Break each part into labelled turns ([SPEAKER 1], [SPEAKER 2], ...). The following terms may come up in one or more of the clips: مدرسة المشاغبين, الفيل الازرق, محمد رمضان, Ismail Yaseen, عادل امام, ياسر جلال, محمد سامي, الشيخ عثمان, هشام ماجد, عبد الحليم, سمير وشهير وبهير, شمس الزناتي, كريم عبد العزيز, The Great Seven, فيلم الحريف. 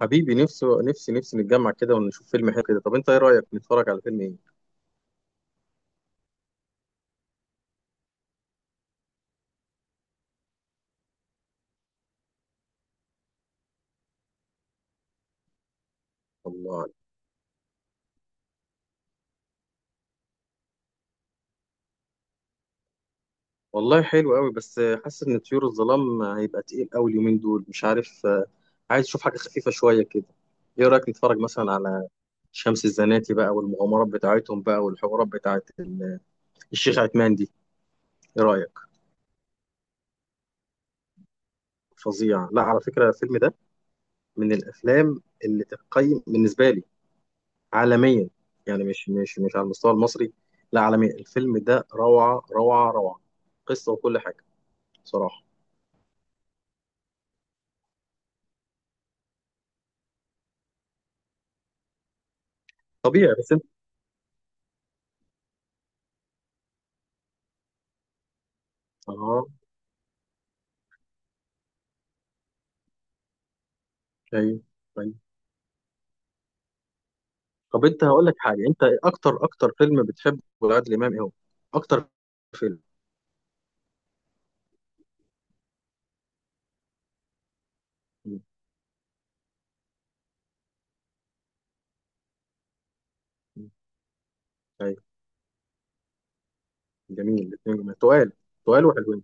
[SPEAKER 1] حبيبي، نفسي نفسي نفسي نتجمع كده ونشوف فيلم حلو كده. طب انت ايه رأيك نتفرج على فيلم ايه؟ الله عليك. والله حلو قوي بس حاسس ان طيور الظلام هيبقى تقيل قوي اليومين دول مش عارف. عايز اشوف حاجة خفيفة شوية كده. ايه رأيك نتفرج مثلا على شمس الزناتي بقى والمغامرات بتاعتهم بقى والحوارات بتاعت الشيخ عثمان دي. ايه رأيك؟ فظيع. لا، على فكرة الفيلم ده من الافلام اللي تقيم بالنسبة لي عالميا. يعني مش على المستوى المصري، لا، عالميا. الفيلم ده روعة روعة روعة، قصة وكل حاجة. بصراحة طبيعي بس انت. اه، ايوه، ايوه. طب انت هقول لك حاجة. انت اكتر اكتر فيلم بتحبه لعادل امام ايه هو؟ اكتر فيلم. مم. مم. ايوه، جميل الاثنين، جميل تقال. تقال وحلوين.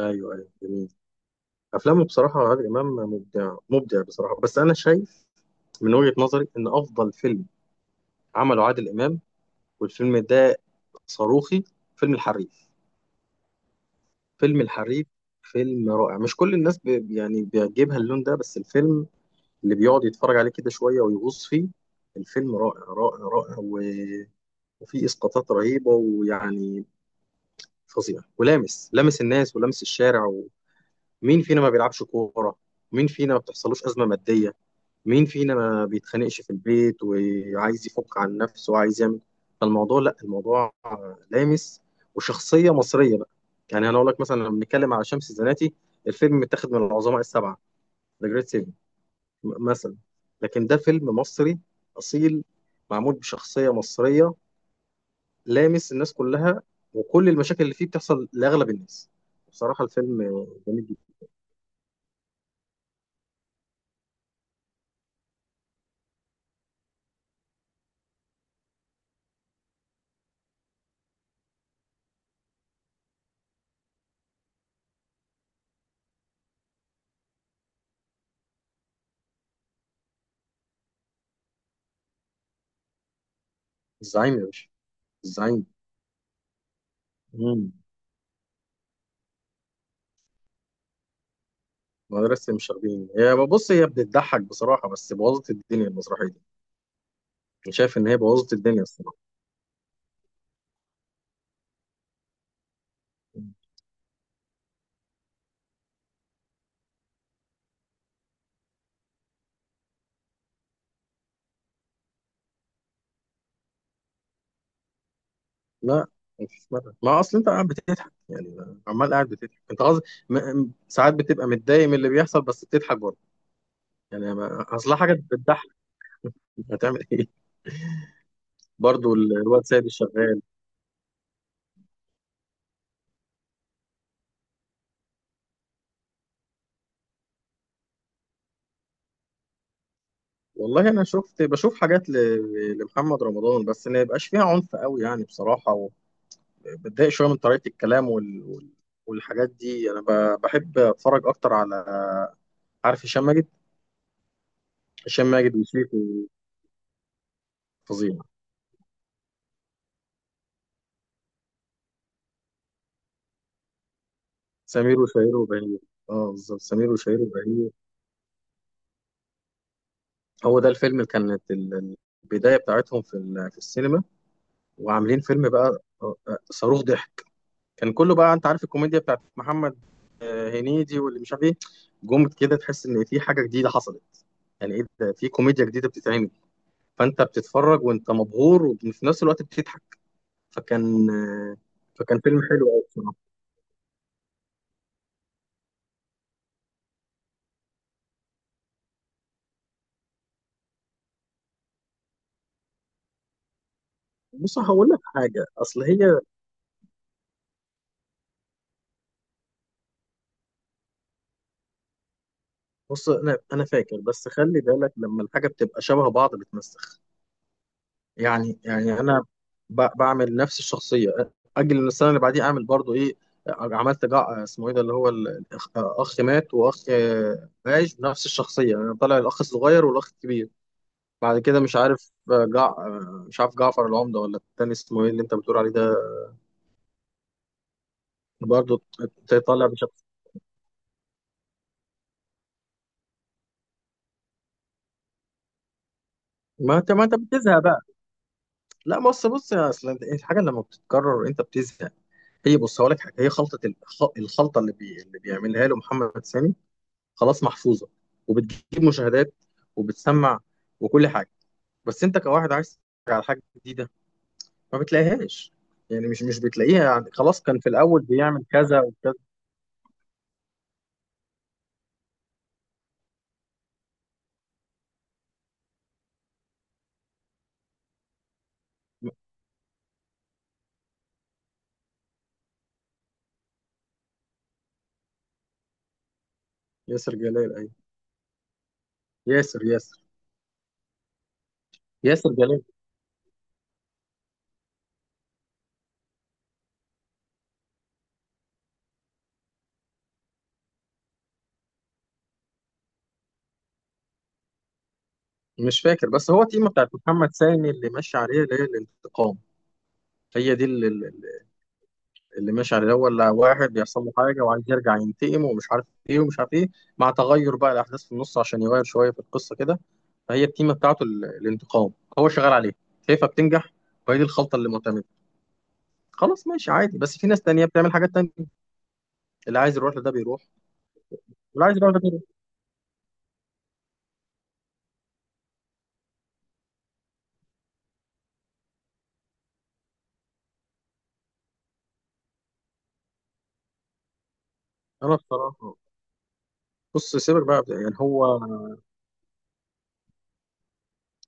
[SPEAKER 1] ايوه، ايوه، جميل. افلامه بصراحة، عادل امام مبدع مبدع بصراحة. بس انا شايف من وجهة نظري ان افضل فيلم عمله عادل امام، والفيلم ده صاروخي، فيلم الحريف. فيلم الحريف فيلم رائع. مش كل الناس يعني بيعجبها اللون ده، بس الفيلم اللي بيقعد يتفرج عليه كده شوية ويغوص فيه، الفيلم رائع رائع رائع. وفيه إسقاطات رهيبة، ويعني فظيع، ولامس، لامس الناس ولامس الشارع. ومين فينا ما بيلعبش كورة؟ مين فينا ما بتحصلوش أزمة مادية؟ مين فينا ما بيتخانقش في البيت وعايز يفك عن نفسه وعايز يعمل؟ فالموضوع، لا، الموضوع لامس. وشخصية مصرية بقى. يعني انا اقول لك، مثلا لما بنتكلم على شمس الزناتي، الفيلم متاخد من العظماء السبعة، ذا جريت سيفن مثلا، لكن ده فيلم مصري اصيل، معمول بشخصية مصرية، لامس الناس كلها، وكل المشاكل اللي فيه بتحصل لاغلب الناس. بصراحة الفيلم جميل جدا. الزعيم يا باشا، الزعيم. مم. مدرسة المشاغبين، هي بص هي بتضحك بصراحة، بس بوظت الدنيا المسرحية دي. أنا شايف إن هي بوظت الدنيا، الصراحة. لا، مفيش مدى، ما أصل أنت قاعد بتضحك، يعني عمال قاعد بتضحك. أنت قصدي ساعات بتبقى متضايق من اللي بيحصل بس بتضحك برضه. يعني ما... أصل حاجة بتضحك، هتعمل إيه؟ برضه الواد سيد الشغال. والله أنا بشوف حاجات لمحمد رمضان، بس ما يبقاش فيها عنف قوي يعني، بصراحة. وبتضايق شوية من طريقة الكلام والحاجات دي. أنا بحب أتفرج أكتر على، عارف هشام ماجد؟ هشام ماجد موسيقي، فظيع. سمير وشهير وبهير. اه بالظبط، سمير وشهير وبهير. هو ده الفيلم اللي كانت البدايه بتاعتهم في السينما. وعاملين فيلم بقى، صاروخ ضحك. كان كله بقى، انت عارف الكوميديا بتاعت محمد هنيدي واللي مش عارف ايه، جم كده تحس ان في حاجه جديده حصلت. يعني ايه ده، في كوميديا جديده بتتعمل، فانت بتتفرج وانت مبهور وفي نفس الوقت بتضحك. فكان آه، فكان فيلم حلو قوي بصراحه. بص هقول لك حاجه، اصل هي، بص، انا فاكر، بس خلي بالك لما الحاجه بتبقى شبه بعض بتمسخ. يعني انا بعمل نفس الشخصيه، اجل إن السنه اللي بعديها اعمل برضو ايه؟ عملت اسمه ايه ده، اللي هو اخ مات واخ عايش بنفس الشخصيه. انا طالع الاخ الصغير والاخ الكبير، بعد كده مش عارف، آه، جع آه، مش عارف جعفر العمده ولا التاني اسمه ايه اللي انت بتقول عليه ده. برضو طالع بشخص. ما انت بتزهق بقى. لا، بص بص يا، اصل الحاجه لما بتتكرر انت بتزهق. هي بص هقول لك حاجه، هي خلطه الخلطه اللي اللي بيعملها له محمد سامي، خلاص محفوظه، وبتجيب مشاهدات، وبتسمع، وكل حاجه. بس انت كواحد عايز تتفرج على حاجه جديده، ما بتلاقيهاش. يعني مش بتلاقيها. يعني خلاص، كان في الاول بيعمل كذا وكذا. ياسر جلال، ايوه. ياسر ياسر جلال. مش فاكر، بس هو التيمه بتاعت محمد سامي اللي ماشي عليها اللي هي الانتقام. هي دي اللي ماشي على الاول، لا واحد بيحصل له حاجه وعايز يرجع ينتقم، ومش عارف ايه ومش عارف ايه، مع تغير بقى الاحداث في النص عشان يغير شويه في القصه كده. فهي التيمه بتاعته، الانتقام، هو شغال عليها، شايفها بتنجح، وهي دي الخلطه اللي معتمده. خلاص، ماشي عادي، بس في ناس تانية بتعمل حاجات تانية، اللي عايز يروح لده بيروح، واللي عايز يروح لده بيروح. انا بصراحه، بص سيبك بقى، يعني هو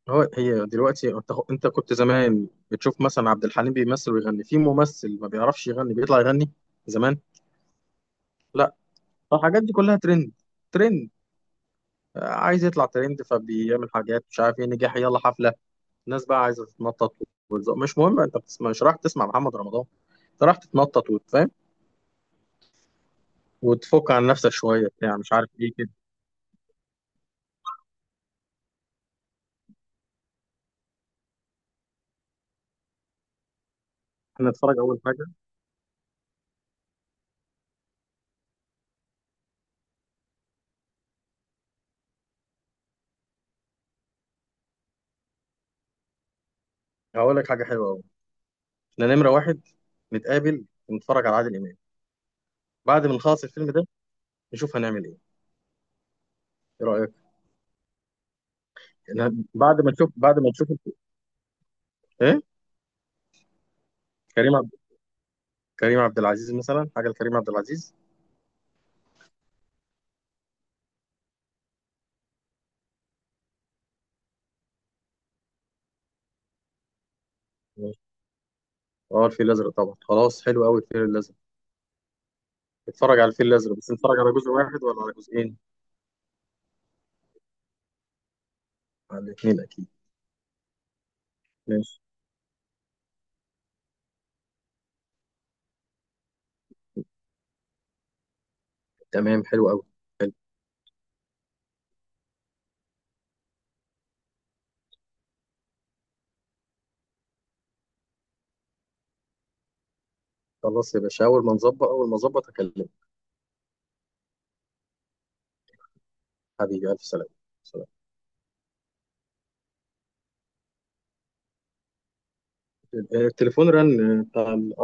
[SPEAKER 1] هو هي دلوقتي، انت كنت زمان بتشوف مثلا عبد الحليم بيمثل ويغني، في ممثل ما بيعرفش يغني بيطلع يغني؟ زمان لا. فالحاجات دي كلها ترند، ترند. عايز يطلع ترند، فبيعمل حاجات مش عارف ايه، نجاح، يلا حفله. الناس بقى عايزه تتنطط وتزق، مش مهم. انت بتسمع، مش رايح تسمع محمد رمضان، انت رايح تتنطط وتفهم وتفك عن نفسك شويه بتاع، مش عارف ايه كده. احنا نتفرج اول حاجه، هقول لك حاجه حلوه قوي. احنا نمره واحد نتقابل ونتفرج على عادل امام، بعد ما نخلص الفيلم ده نشوف هنعمل ايه. ايه رايك؟ إحنا بعد ما نشوف، ايه؟ كريم عبد كريم عبد العزيز مثلا، حاجه لكريم عبد العزيز. ماشي. اه الفيل الازرق طبعا، خلاص، حلو قوي الفيل الازرق. اتفرج على الفيل الازرق، بس نتفرج على جزء واحد ولا على جزئين؟ على الاثنين اكيد. ماشي. تمام، حلو قوي. حلو. خلاص يا باشا، اول ما اظبط اكلمك. حبيبي الف سلامه. سلام. التليفون رن بتاع